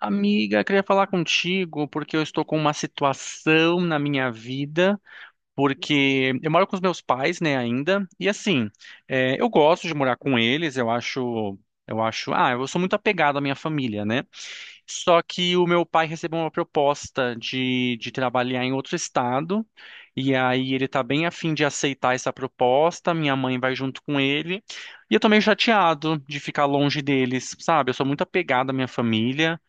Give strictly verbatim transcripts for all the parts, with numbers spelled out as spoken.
Amiga, queria falar contigo porque eu estou com uma situação na minha vida, porque eu moro com os meus pais, né, ainda, e assim, é, eu gosto de morar com eles, eu acho, eu acho, ah, eu sou muito apegado à minha família, né? Só que o meu pai recebeu uma proposta de, de trabalhar em outro estado, e aí ele tá bem afim de aceitar essa proposta, minha mãe vai junto com ele, e eu tô meio chateado de ficar longe deles, sabe? Eu sou muito apegado à minha família.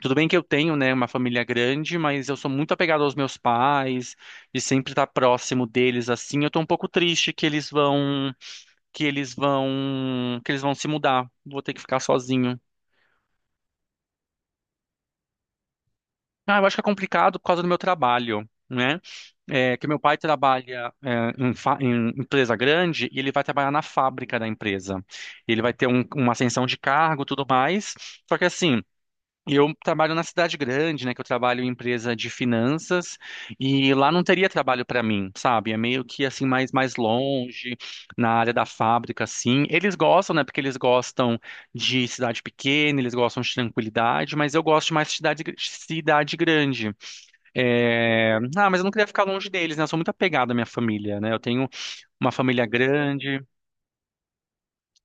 Tudo bem que eu tenho, né, uma família grande, mas eu sou muito apegado aos meus pais e sempre estar próximo deles assim. Eu tô um pouco triste que eles vão, que eles vão, que eles vão se mudar. Vou ter que ficar sozinho. Ah, eu acho que é complicado por causa do meu trabalho, né? É, que meu pai trabalha é, em, fa- em empresa grande e ele vai trabalhar na fábrica da empresa. Ele vai ter um- uma ascensão de cargo, tudo mais. Só que assim. E eu trabalho na cidade grande, né? Que eu trabalho em empresa de finanças e lá não teria trabalho para mim, sabe? É meio que assim mais mais longe na área da fábrica, assim. Eles gostam, né? Porque eles gostam de cidade pequena, eles gostam de tranquilidade, mas eu gosto de mais cidade gr- cidade grande. É, Ah, mas eu não queria ficar longe deles, né? Eu sou muito apegado à minha família, né? Eu tenho uma família grande,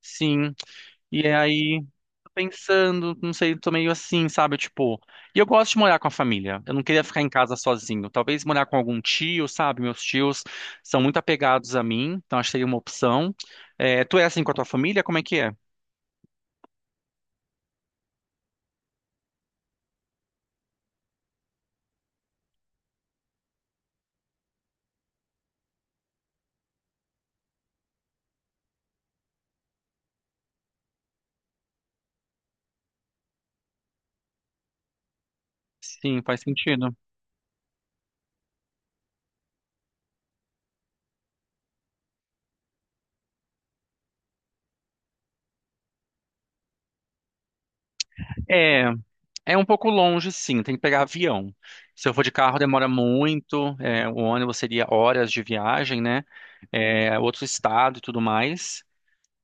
sim. E aí pensando, não sei, tô meio assim, sabe? Tipo, e eu gosto de morar com a família. Eu não queria ficar em casa sozinho. Talvez morar com algum tio, sabe? Meus tios são muito apegados a mim, então acho que seria uma opção. É, tu é assim com a tua família? Como é que é? Sim, faz sentido. É, é um pouco longe, sim, tem que pegar avião. Se eu for de carro, demora muito. É, o ônibus seria horas de viagem, né? É, outro estado e tudo mais.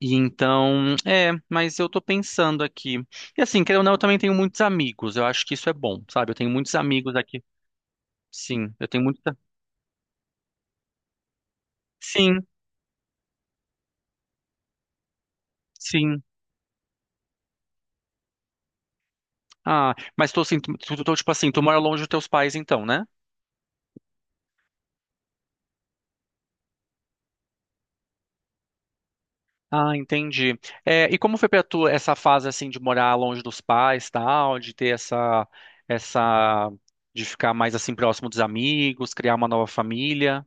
E então, é, mas eu tô pensando aqui. E assim, querendo ou não, eu também tenho muitos amigos. Eu acho que isso é bom, sabe? Eu tenho muitos amigos aqui. Sim, eu tenho muita. Sim, sim. Ah, mas tô assim, tu, tu, tu, tipo assim, tu mora longe dos teus pais então, né? Ah, entendi. É, e como foi pra tu essa fase assim de morar longe dos pais, tal, de ter essa essa de ficar mais assim próximo dos amigos, criar uma nova família?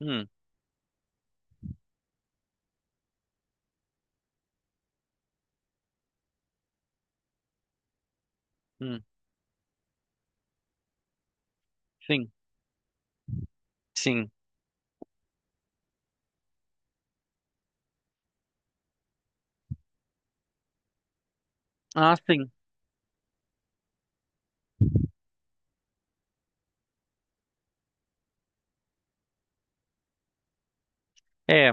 Hum, hum, sim, sim. Ah, sim. É.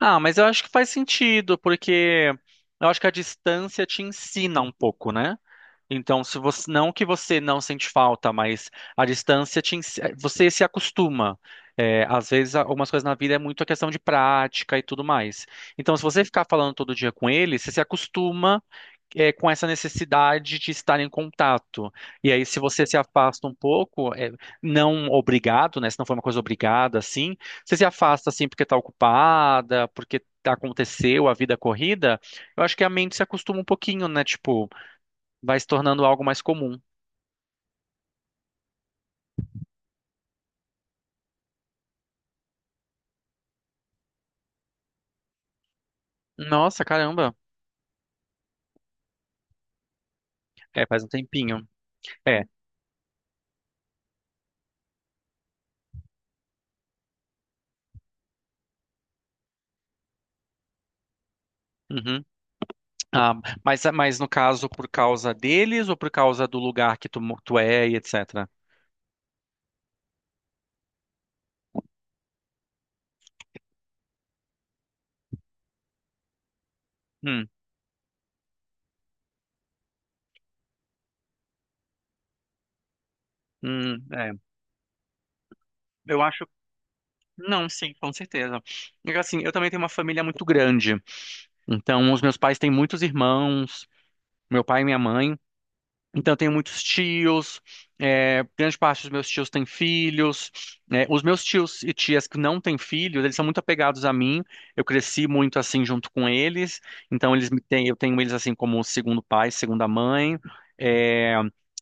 Ah, mas eu acho que faz sentido, porque eu acho que a distância te ensina um pouco, né? Então, se você, não que você não sente falta, mas a distância te, ens- você se acostuma. É, às vezes, algumas coisas na vida é muito a questão de prática e tudo mais. Então, se você ficar falando todo dia com ele, você se acostuma é, com essa necessidade de estar em contato. E aí, se você se afasta um pouco, é, não obrigado, né? Se não foi uma coisa obrigada, assim, você se afasta assim porque está ocupada, porque aconteceu a vida corrida, eu acho que a mente se acostuma um pouquinho, né? Tipo, vai se tornando algo mais comum. Nossa, caramba. É, faz um tempinho. É. Uhum. Ah, mas, mas no caso, por causa deles ou por causa do lugar que tu, mo- tu é e etc? Hum, hum, é. Eu acho. Não, sim, com certeza. E, Assim, eu também tenho uma família muito grande. Então, os meus pais têm muitos irmãos, meu pai e minha mãe. Então, eu tenho muitos tios. É, grande parte dos meus tios têm filhos. Né? Os meus tios e tias que não têm filhos, eles são muito apegados a mim. Eu cresci muito assim junto com eles. Então, eles me têm, eu tenho eles assim como segundo pai, segunda mãe. É,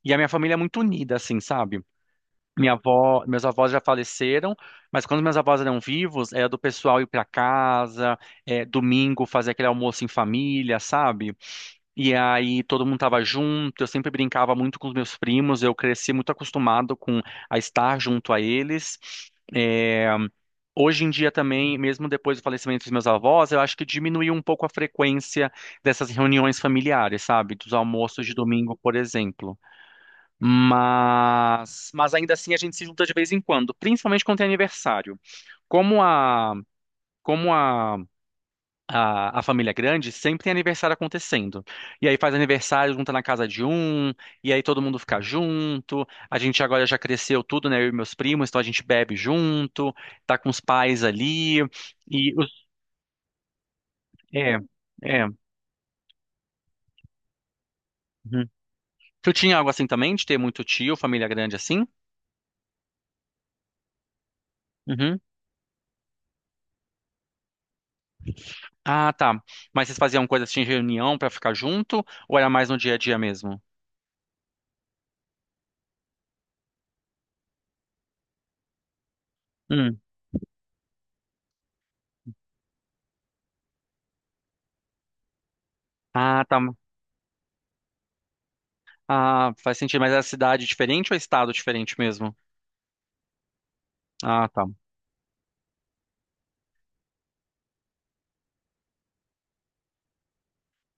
e a minha família é muito unida, assim, sabe? Minha avó, meus avós já faleceram, mas quando meus avós eram vivos, era do pessoal ir para casa, é, domingo fazer aquele almoço em família, sabe? E aí todo mundo tava junto, eu sempre brincava muito com os meus primos, eu cresci muito acostumado com a estar junto a eles. É, hoje em dia também, mesmo depois do falecimento dos meus avós, eu acho que diminuiu um pouco a frequência dessas reuniões familiares, sabe? Dos almoços de domingo, por exemplo. Mas, mas ainda assim a gente se junta de vez em quando, principalmente quando tem aniversário. Como a, como a, a, a família é grande, sempre tem aniversário acontecendo. E aí faz aniversário, junta na casa de um, e aí todo mundo fica junto. A gente agora já cresceu tudo, né? Eu e meus primos, então a gente bebe junto, tá com os pais ali. E os, é, é. Uhum. Tu tinha algo assim também, de ter muito tio, família grande assim? Ah, tá. Mas vocês faziam coisas assim, em reunião pra ficar junto? Ou era mais no dia a dia mesmo? Hum. Ah, tá. Ah, faz sentido. Mas é cidade diferente ou é estado diferente mesmo? Ah, tá.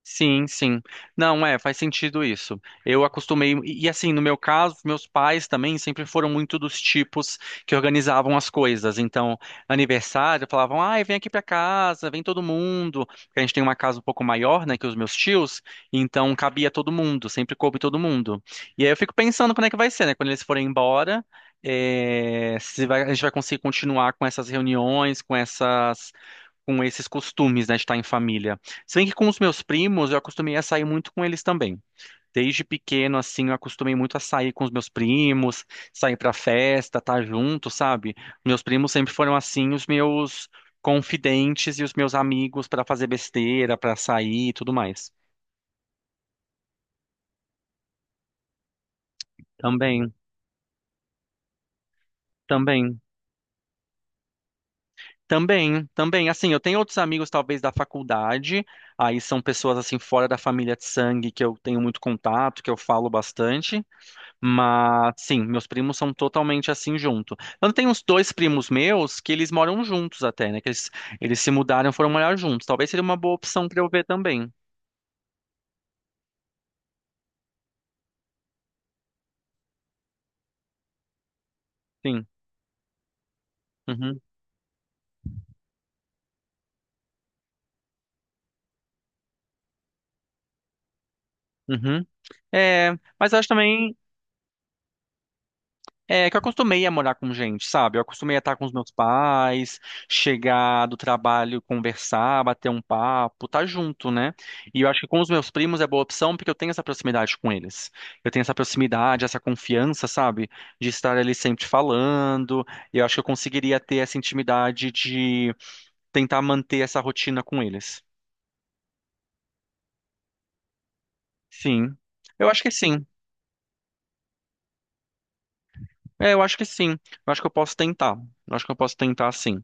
Sim, sim. Não, é, faz sentido isso. Eu acostumei, e e assim, no meu caso, meus pais também sempre foram muito dos tipos que organizavam as coisas. Então, aniversário, falavam, ai, vem aqui pra casa, vem todo mundo. Porque a gente tem uma casa um pouco maior, né, que os meus tios, então cabia todo mundo, sempre coube todo mundo. E aí eu fico pensando como é que vai ser, né, quando eles forem embora, é, se vai- a gente vai conseguir continuar com essas reuniões, com essas, com esses costumes, né, de estar em família. Se bem que com os meus primos, eu acostumei a sair muito com eles também. Desde pequeno, assim, eu acostumei muito a sair com os meus primos, sair pra festa, estar junto, sabe? Meus primos sempre foram, assim, os meus confidentes e os meus amigos pra fazer besteira, pra sair e tudo mais. Também, também. Também, também, assim, eu tenho outros amigos talvez da faculdade, aí são pessoas assim fora da família de sangue que eu tenho muito contato, que eu falo bastante. Mas sim, meus primos são totalmente assim junto. Eu tenho uns dois primos meus que eles moram juntos até, né? Que eles, eles se mudaram, foram morar juntos. Talvez seria uma boa opção para eu ver também. Sim. Uhum. Uhum. É, mas eu acho também. É que eu acostumei a morar com gente, sabe? Eu acostumei a estar com os meus pais, chegar do trabalho, conversar, bater um papo, tá junto, né? E eu acho que com os meus primos é boa opção porque eu tenho essa proximidade com eles. Eu tenho essa proximidade, essa confiança, sabe? De estar ali sempre falando. Eu acho que eu conseguiria ter essa intimidade de tentar manter essa rotina com eles. Sim. Eu acho que sim. É, eu acho que sim. Eu acho que eu posso tentar. Eu acho que eu posso tentar sim.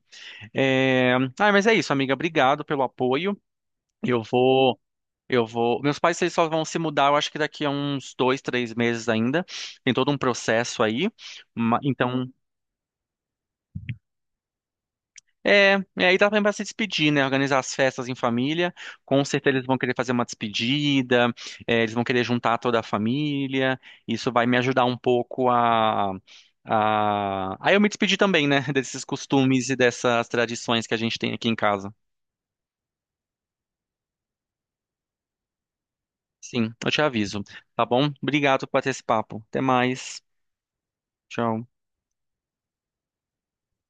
É, ah, mas é isso, amiga. Obrigado pelo apoio. Eu vou, eu vou. Meus pais eles só vão se mudar, eu acho que daqui a uns dois, três meses ainda. Tem todo um processo aí. Ma- Então, é, é aí dá também para se despedir, né? Organizar as festas em família. Com certeza eles vão querer fazer uma despedida. É, eles vão querer juntar toda a família. Isso vai me ajudar um pouco a a... Aí eu me despedir também, né? Desses costumes e dessas tradições que a gente tem aqui em casa. Sim, eu te aviso. Tá bom? Obrigado por ter esse papo. Até mais. Tchau.